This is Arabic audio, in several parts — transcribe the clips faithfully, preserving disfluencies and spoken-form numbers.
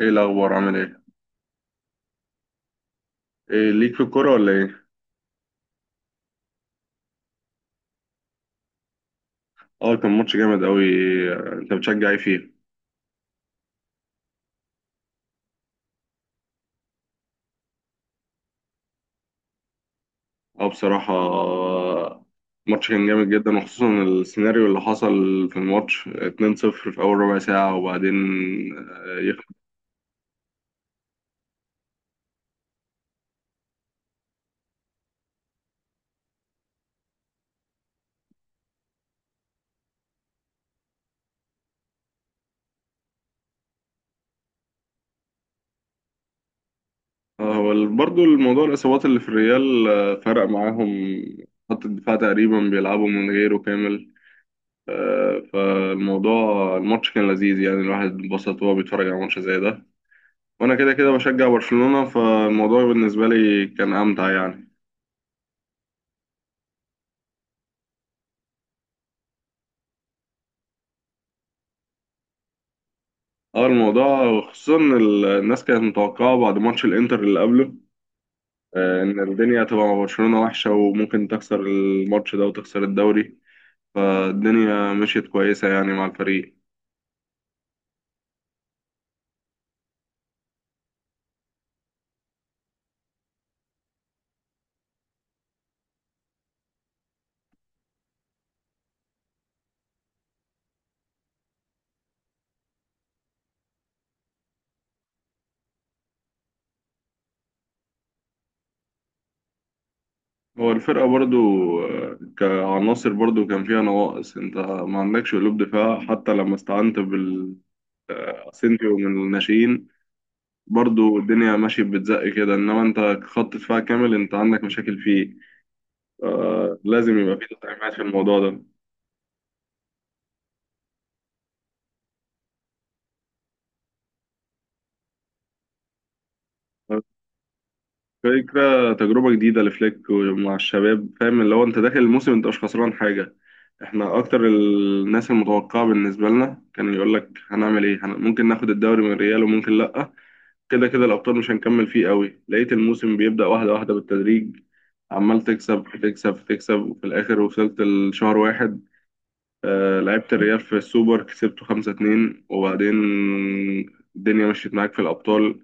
ايه الاخبار، عامل ايه؟ إيه ليك في الكوره ولا ايه؟ اه، كان ماتش جامد قوي. انت بتشجع ايه فيه؟ اه بصراحه، آه، الماتش كان جامد جدا، وخصوصا السيناريو اللي حصل في الماتش اتنين صفر في اول ربع ساعه. وبعدين آه، يخ... آه، هو برضه الموضوع الاصابات اللي في الريال، آه، فرق معاهم. خط الدفاع تقريبا بيلعبوا من غيره كامل. آه، فالموضوع الماتش كان لذيذ، يعني الواحد اتبسط وهو بيتفرج على ماتش زي ده. وانا كده كده بشجع برشلونة، فالموضوع بالنسبة لي كان امتع يعني. اه، الموضوع خصوصا إن ال- الناس كانت متوقعة بعد ماتش الانتر اللي قبله، آه، ان الدنيا هتبقى مع برشلونة وحشة، وممكن تخسر الماتش ده وتخسر الدوري. فالدنيا مشيت كويسة يعني مع الفريق. هو الفرقة برضو آه، كعناصر برضو كان فيها نواقص. انت ما عندكش قلوب دفاع، حتى لما استعنت بال آه، اسينسيو من الناشئين، برضو الدنيا ماشية بتزق كده. إنما أنت خط دفاع كامل، أنت عندك مشاكل فيه. آه، لازم يبقى في تدعيمات في الموضوع ده. فكرة تجربة جديدة لفليك ومع الشباب، فاهم؟ اللي هو أنت داخل الموسم أنت مش خسران حاجة. إحنا أكتر الناس المتوقعة، بالنسبة لنا كان يقول لك هنعمل إيه، هن... ممكن ناخد الدوري من ريال وممكن لأ. كده كده الأبطال مش هنكمل فيه قوي. لقيت الموسم بيبدأ واحدة واحدة بالتدريج، عمال تكسب تكسب تكسب، وفي الآخر وصلت لشهر واحد. آه، لعبت الريال في السوبر كسبته خمسة اتنين، وبعدين الدنيا مشيت معاك في الأبطال،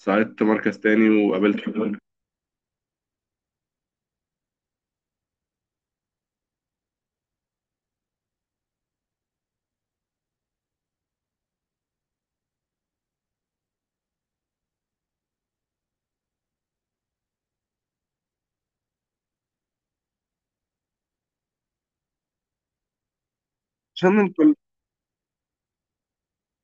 ساعدت مركز تاني وقابلت حلول. عشان انت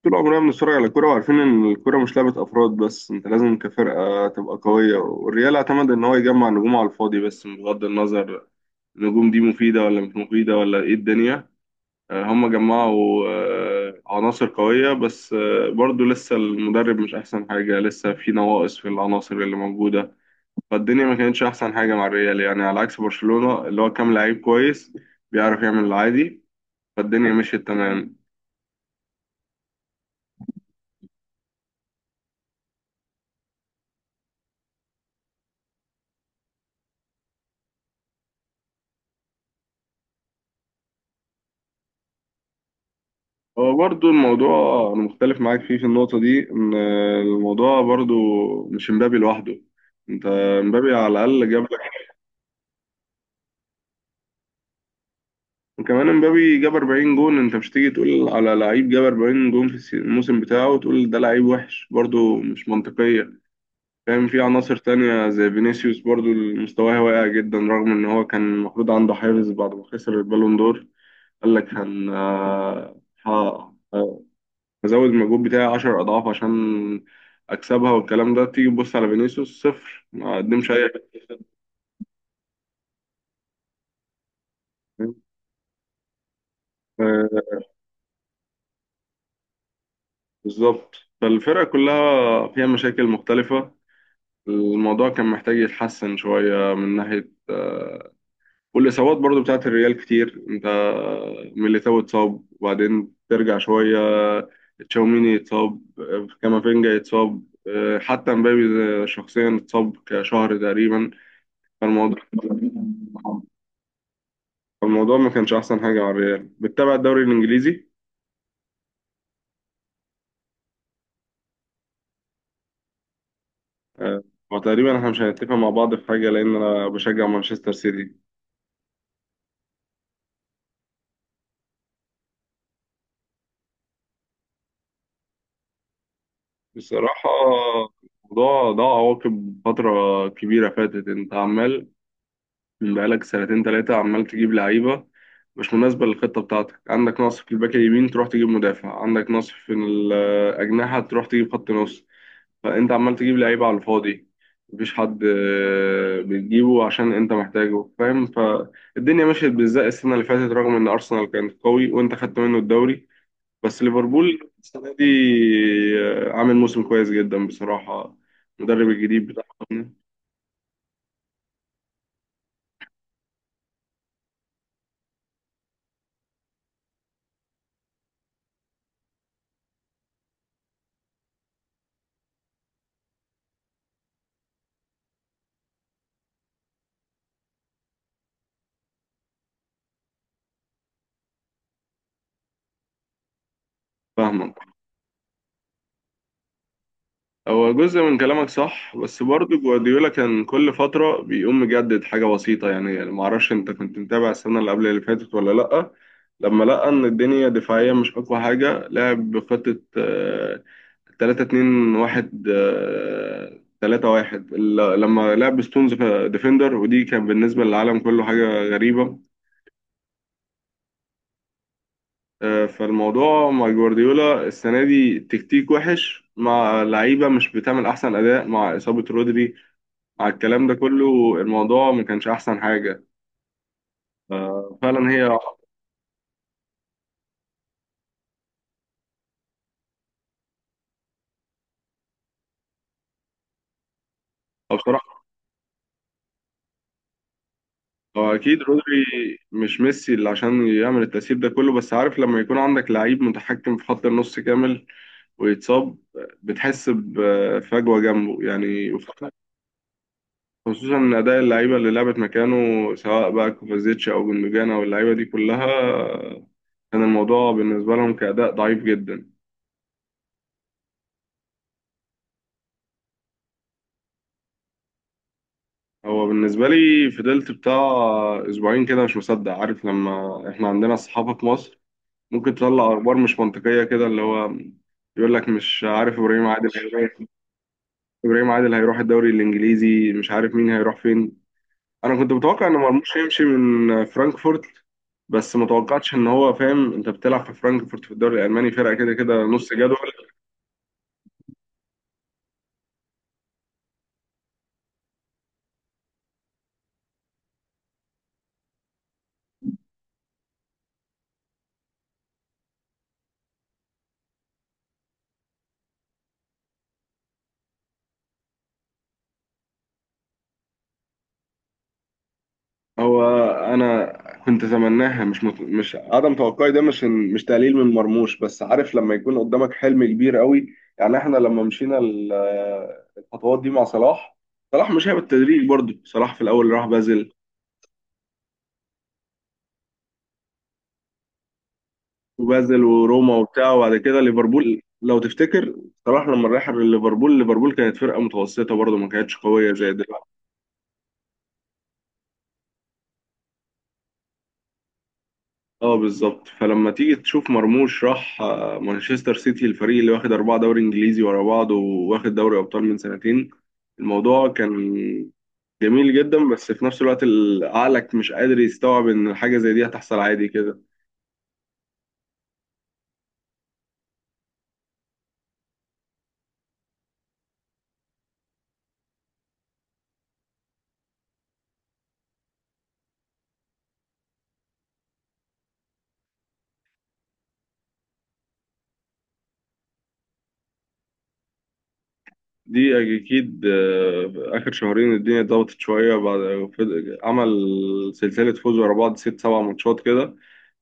طول عمرنا بنتفرج على الكورة، وعارفين إن الكورة مش لعبة أفراد بس. أنت لازم كفرقة تبقى قوية، والريال اعتمد إن هو يجمع نجوم على الفاضي، بس بغض النظر النجوم دي مفيدة ولا مش مفيدة ولا إيه الدنيا. آه، هم جمعوا آه، عناصر قوية، بس آه، برضو لسه المدرب مش أحسن حاجة، لسه في نواقص في العناصر اللي موجودة. فالدنيا ما كانتش احسن حاجه مع الريال يعني، على عكس برشلونه اللي هو كام لعيب كويس بيعرف يعمل العادي. فالدنيا مشيت تمام. هو برضو الموضوع، انا مختلف معاك فيه في النقطه دي. ان الموضوع برضو مش مبابي لوحده، انت مبابي على الاقل جاب لك. وكمان مبابي جاب اربعين جون، انت مش تيجي تقول على لعيب جاب اربعين جون في السي- الموسم بتاعه وتقول ده لعيب وحش، برضو مش منطقيه. فاهم؟ في عناصر تانية زي فينيسيوس برضو مستواه واقع جدا، رغم ان هو كان المفروض عنده حافز بعد ما خسر البالون دور. قال لك هن آه، ه- آه، هزود المجهود بتاعي عشر اضعاف عشان اكسبها. والكلام ده تيجي تبص على فينيسيوس صفر، ما قدمش اي حاجة. آه، بالظبط. فالفرقة كلها فيها مشاكل مختلفة، الموضوع كان محتاج يتحسن شوية من ناحية. آه، والاصابات برضو بتاعت الريال كتير. انت ميليتاو اتصاب وبعدين ترجع شويه، تشاوميني اتصاب، كامافينجا اتصاب، اه، حتى مبابي شخصيا اتصاب كشهر تقريبا. فالموضوع الموضوع ما كانش احسن حاجه على الريال. بتتابع الدوري الانجليزي؟ آه، وتقريبا احنا مش هنتفق مع بعض في حاجه، لان انا بشجع مانشستر سيتي. بصراحه، الموضوع ده عواقب فتره كبيره فاتت. انت عمال بقالك سنتين تلاتة، عمال تجيب لعيبة مش مناسبة للخطة بتاعتك. عندك نقص في الباك اليمين تروح تجيب مدافع، عندك نقص في الأجنحة تروح تجيب خط نص، فأنت عمال تجيب لعيبة على الفاضي. مفيش حد آه، بتجيبه عشان أنت محتاجه، فاهم؟ فالدنيا مشيت بالزق السنة اللي فاتت، رغم إن أرسنال كان قوي وأنت خدت منه الدوري. بس ليفربول السنة دي آه، عامل موسم كويس جدا بصراحة، المدرب الجديد بتاعهم. فاهمة؟ هو جزء من كلامك صح، بس برضه جوارديولا كان كل فترة بيقوم مجدد حاجة بسيطة. يعني معرفش انت كنت متابع السنة اللي قبل اللي فاتت ولا لأ. لما لقى ان الدنيا دفاعيا مش اقوى حاجة، لعب بخطة آه، ثلاثة اتنين واحد، آه، ثلاثة واحد، ال- لما لعب ستونز ديفندر ودي كان بالنسبة للعالم كله حاجة غريبة. آه، فالموضوع مع جوارديولا السنة دي تكتيك وحش، مع لعيبة مش بتعمل أحسن أداء، مع إصابة رودري، على الكلام ده كله الموضوع ما كانش احسن حاجه. آه، فعلا هي. أو بصراحه، هو اكيد رودري مش ميسي اللي عشان يعمل التأثير ده كله، بس عارف لما يكون عندك لعيب متحكم في خط النص كامل ويتصاب، بتحس بفجوه جنبه يعني. خصوصا ان اداء اللعيبه اللي لعبت مكانه، سواء بقى كوفازيتش او جندوجان او اللعيبه دي كلها، كان الموضوع بالنسبه لهم كأداء ضعيف جدا. هو بالنسبة لي فضلت بتاع أسبوعين كده مش مصدق. عارف؟ لما إحنا عندنا الصحافة في مصر ممكن تطلع أخبار مش منطقية كده، اللي هو يقول لك مش عارف إبراهيم عادل هيروح إبراهيم عادل هيروح الدوري الإنجليزي، مش عارف مين هيروح فين. أنا كنت متوقع إن مرموش يمشي من فرانكفورت، بس متوقعتش إن هو، فاهم؟ أنت بتلعب في فرانكفورت في الدوري الألماني، فرقة كده كده نص جدول. هو انا كنت اتمناها، مش مت... مش عدم توقعي ده، مش مش تقليل من مرموش، بس عارف لما يكون قدامك حلم كبير قوي. يعني احنا لما مشينا ال- الخطوات دي مع صلاح، صلاح مش هي بالتدريج برضه. صلاح في الاول راح بازل، وبازل وروما وبتاع، وبعد كده ليفربول لو تفتكر. صلاح لما راح ليفربول، ليفربول كانت فرقه متوسطه برضه، ما كانتش قويه زي دلوقتي. اه بالظبط. فلما تيجي تشوف مرموش راح آه، مانشستر سيتي، الفريق اللي واخد أربعة دوري إنجليزي ورا بعض وواخد دوري أبطال من سنتين، الموضوع كان جميل جدا. بس في نفس الوقت ال- عقلك مش قادر يستوعب إن حاجة زي دي هتحصل عادي كده. دي أكيد. آه، آخر شهرين الدنيا اتظبطت شوية بعد، فض- عمل سلسلة فوز ورا بعض ست سبع ماتشات كده.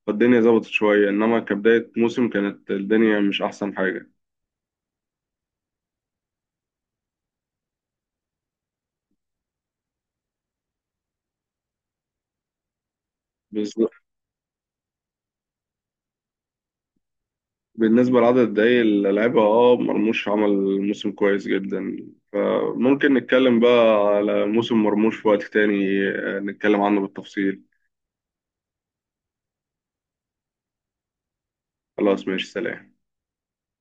فالدنيا ظبطت شوية، إنما كبداية موسم كانت الدنيا مش أحسن حاجة. بالنسبة لعدد الدقايق اللي لعبها، اه، مرموش عمل موسم كويس جدا. فممكن نتكلم بقى على موسم مرموش في وقت تاني، آه، نتكلم عنه بالتفصيل. خلاص، ماشي، سلام.